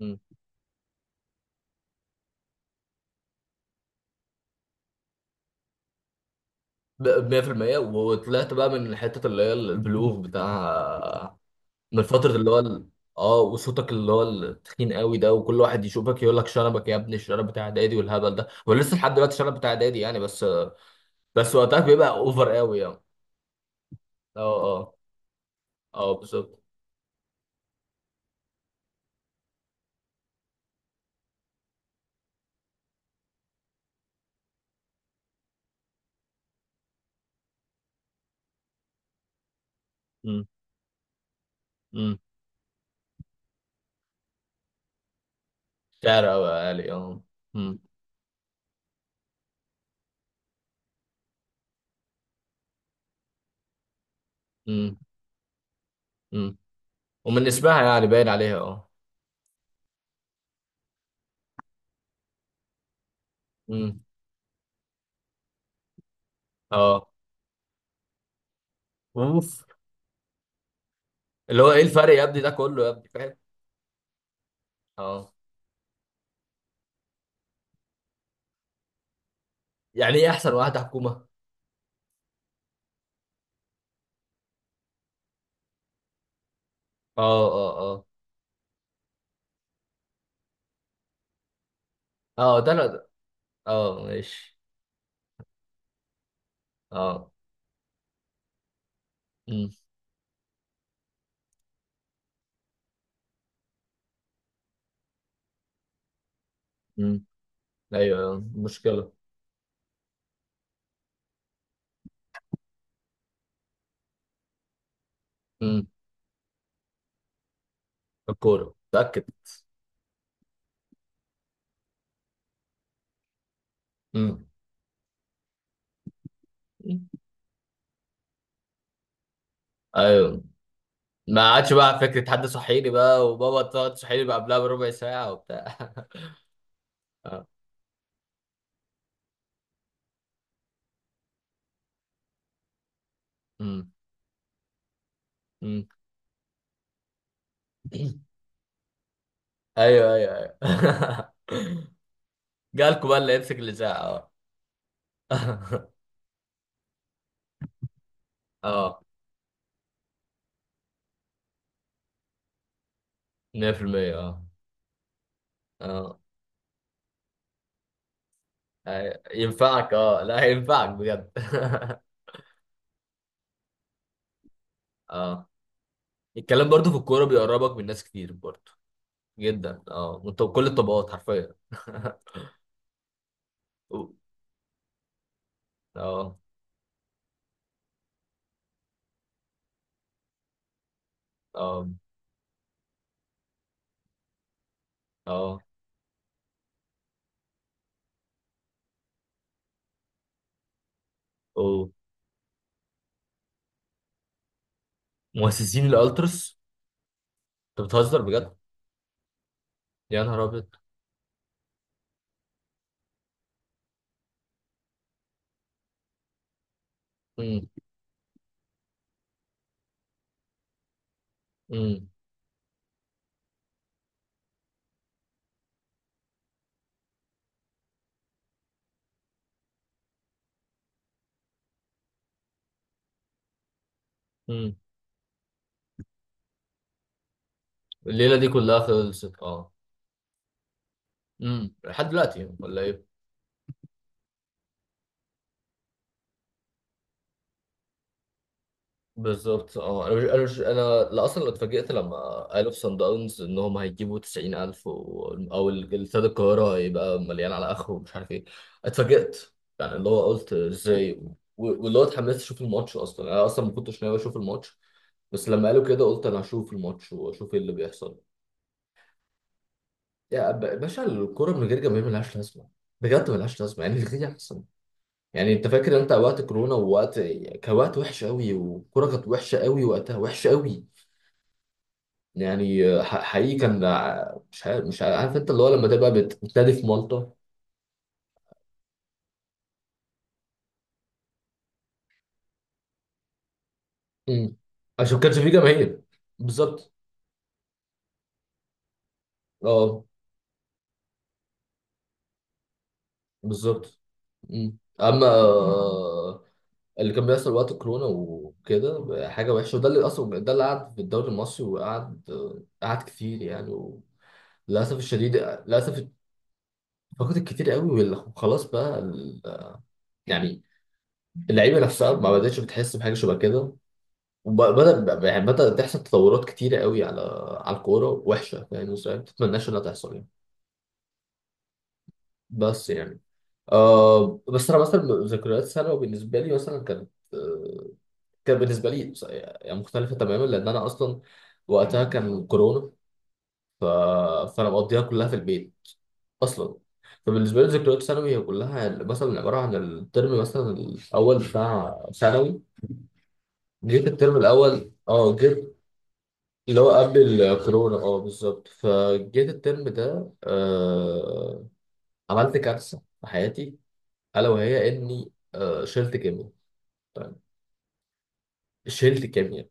مم. 100% وطلعت بقى من حتة اللي هي البلوغ بتاع من فترة اللي هو اه، وصوتك اللي هو التخين قوي ده، وكل واحد يشوفك يقول لك شنبك يا ابني، الشنب بتاع اعدادي والهبل ده، ولسه لحد دلوقتي الشنب بتاع اعدادي يعني. بس بس وقتها بيبقى اوفر قوي يعني. اه اه. اه بالظبط. مم. مم. شعر قوي عالي اه. مم. مم. مم. ومن اسمها يعني باين عليها اه. مم. اه. اوف. اللي هو ايه الفرق يا ابني ده كله؟ يا ابني فاهم. اه. يعني ايه احسن واحدة حكومة؟ اه اه. اه اه. ده انا. اه ماشي. اه. امم. امم. ايوه أيوة، مشكلة. امم. الكورة متأكد. امم. ايوه. ما عادش بقى فكرة حد صحيني بقى، وبابا تقعد تصحيني بقى قبلها بربع ساعة وبتاع. اه. امم. امم. ايوه ايوه ايوه. جالكوا بقى اللي يمسك الإذاعة، اه. اه. 100%. اه اه. أيوة. ينفعك، اه لا، ينفعك بجد. اه. الكلام برضو في الكورة بيقربك من ناس كتير برضو. جدا اه، وانت بكل الطبقات حرفيا. أوه. اه اه اه اه. مؤسسين الالترس. انت بتهزر بجد. يا نهار ابيض. أمم، أمم، أمم. الليلة دي كلها خلصت اه. أمم، لحد دلوقتي ولا ايه؟ بالظبط. اه انا مش انا مش انا لا اصلا اتفاجئت لما قالوا في صن داونز ان هم هيجيبوا 90000 او استاد القاهره هيبقى مليان على اخره ومش عارف ايه. اتفاجئت. يعني اللي هو قلت ازاي. و... واللي هو اتحمست اشوف الماتش. اصلا انا اصلا ما كنتش ناوي اشوف الماتش. بس لما قالوا كده قلت انا هشوف الماتش واشوف ايه اللي بيحصل. يا باشا، الكوره من غير جماهير ملهاش لازمه. بجد ملهاش لازمه. يعني الغي احسن. يعني انت فاكر انت وقت كورونا، ووقت كان وقت وحش قوي، والكوره كانت وحشه قوي وقتها، وحشه قوي. يعني حقيقي كان مش عارف، انت اللي هو لما تبقى بتنادي في مالطا. امم. عشان ما كانش في جماهير. بالظبط. اه بالظبط. مم. اما، اللي كان بيحصل وقت الكورونا وكده حاجه وحشه، وده اللي اصلا، ده اللي قعد في الدوري المصري. وقعد، آه، قعد كتير يعني. للاسف الشديد، للاسف. فقدت كتير قوي وخلاص بقى يعني اللعيبه نفسها ما بداتش بتحس بحاجه شبه كده. يعني بدأت تحصل تطورات كتيرة قوي على على الكورة وحشة، فاهم ازاي؟ ما تتمناش انها تحصل يعني. بس يعني، آه، بس انا مثلا ذكريات ثانوي بالنسبة لي مثلا كانت آه، كان بالنسبة لي يعني مختلفة تماما، لأن أنا أصلا وقتها كان كورونا. ف... فأنا مقضيها كلها في البيت أصلا. فبالنسبة لي ذكريات ثانوي هي كلها مثلا عبارة عن الترم مثلا الأول بتاع ثانوي. جيت الترم الأول، اه جيت اللي هو قبل الكورونا، اه بالظبط. فجيت الترم ده، آه، عملت كارثة في حياتي. ألا وهي إني شلت كيمياء. طيب. شلت كيمياء.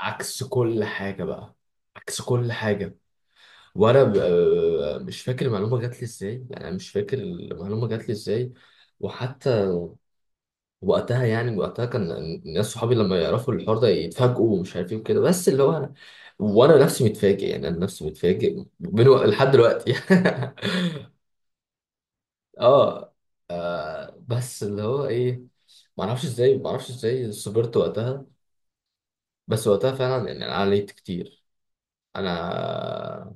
عكس كل حاجة بقى. عكس كل حاجة. وأنا مش فاكر المعلومة جات لي إزاي يعني، أنا مش فاكر المعلومة جات لي إزاي. وحتى وقتها، يعني وقتها، كان الناس صحابي لما يعرفوا الحوار ده يتفاجئوا ومش عارف ايه وكده. بس اللي هو انا، وانا نفسي متفاجئ يعني، انا نفسي متفاجئ من لحد دلوقتي. اه. بس اللي هو ايه. ما اعرفش ازاي، ما اعرفش ازاي صبرت وقتها. بس وقتها فعلا يعني انا عليت كتير. انا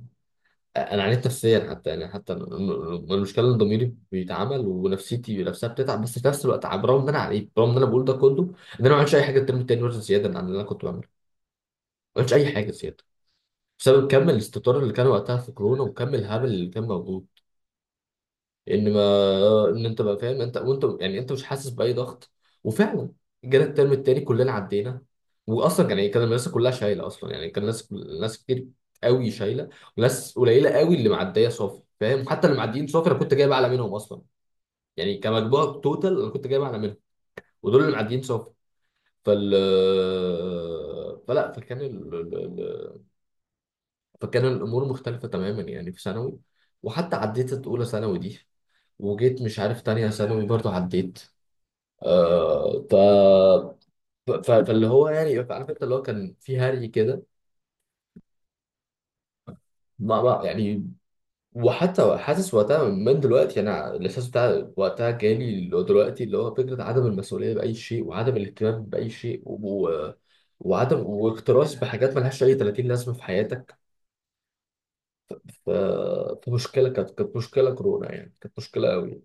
انا عانيت نفسيا حتى، يعني المشكله ان ضميري بيتعمل ونفسيتي نفسها بتتعب. بس في نفس الوقت رغم ان انا عانيت، رغم ان انا بقول ده كله، ان انا ما عملتش اي حاجه الترم التاني مثلا زياده عن اللي انا كنت بعمله. ما عملتش اي حاجه زياده بسبب كم الاستطار اللي كان وقتها في كورونا وكم الهبل اللي كان موجود. ان ما ان انت بقى فاهم، انت وانت يعني انت مش حاسس باي ضغط. وفعلا جانا الترم التاني كلنا عدينا. واصلا كان يعني المدرسه كلها شايله اصلا. يعني كان ناس، ناس كتير قوي شايله. وناس قليله قوي اللي معديه صافي، فاهم؟ حتى اللي معديين صافي انا كنت جايب اعلى منهم اصلا. يعني كمجموع توتال انا كنت جايب اعلى منهم، ودول اللي معديين صافي. فال فلا فكان ال... ال- ال- فكان الامور مختلفه تماما يعني في ثانوي. وحتى عديت اولى ثانوي دي، وجيت مش عارف تانية ثانوي برضه عديت. آه، ف... فاللي هو يعني عارف انت اللي هو كان في هري كده. ما ما يعني وحتى حاسس وقتها من دلوقتي، انا الاحساس بتاع وقتها جالي اللي هو دلوقتي، اللي هو فكره عدم المسؤوليه باي شيء، وعدم الاهتمام باي شيء، وعدم واكتراث بحاجات ملهاش اي 30 لازمه في حياتك. ف... فمشكله كانت، مشكله كورونا يعني، كانت مشكله قوي.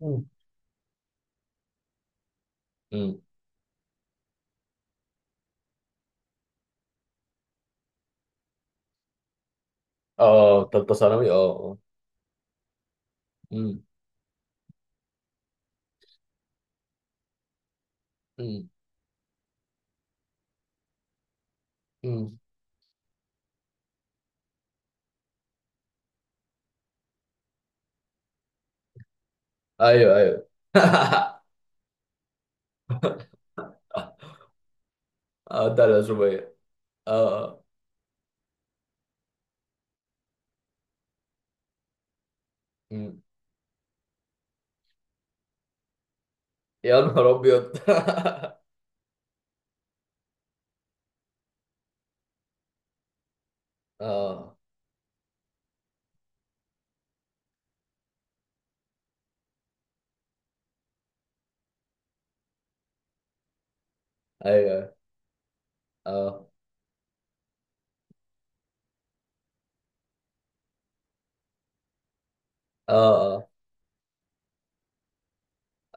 مم. امم. اه تالتة ثانوي، اه اه. امم. امم. امم. ايوه ايوه. اه بتاع الأشوبية. اه. آه. مم. يا نهار أبيض. اه. أيوه أيوة. اه اه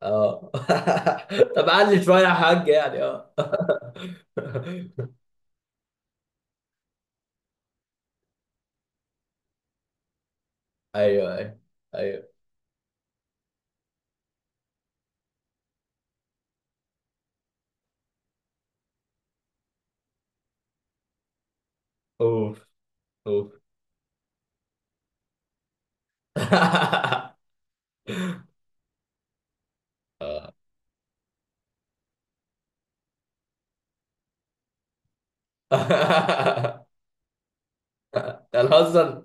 اه اه. طب علي شوية يا حاج يعني، اه. أيوه أيوه أيوه. أوف. أوف. الحسن.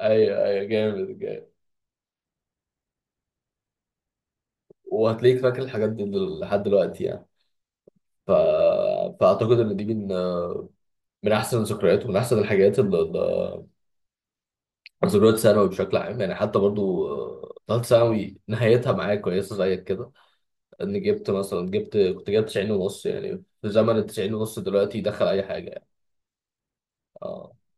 ايوه ايوه، جامد جامد. وهتلاقيك فاكر الحاجات دي لحد دلوقتي يعني. ف... فاعتقد ان دي من احسن الذكريات ومن احسن الحاجات اللي، ذكريات ثانوي بشكل عام يعني. حتى برضو، ثالث ثانوي نهايتها معايا كويسه زيك كده. ان جبت مثلا، جبت كنت جايب 90 ونص، يعني في زمن ال 90 ونص دلوقتي يدخل اي حاجه يعني. اه.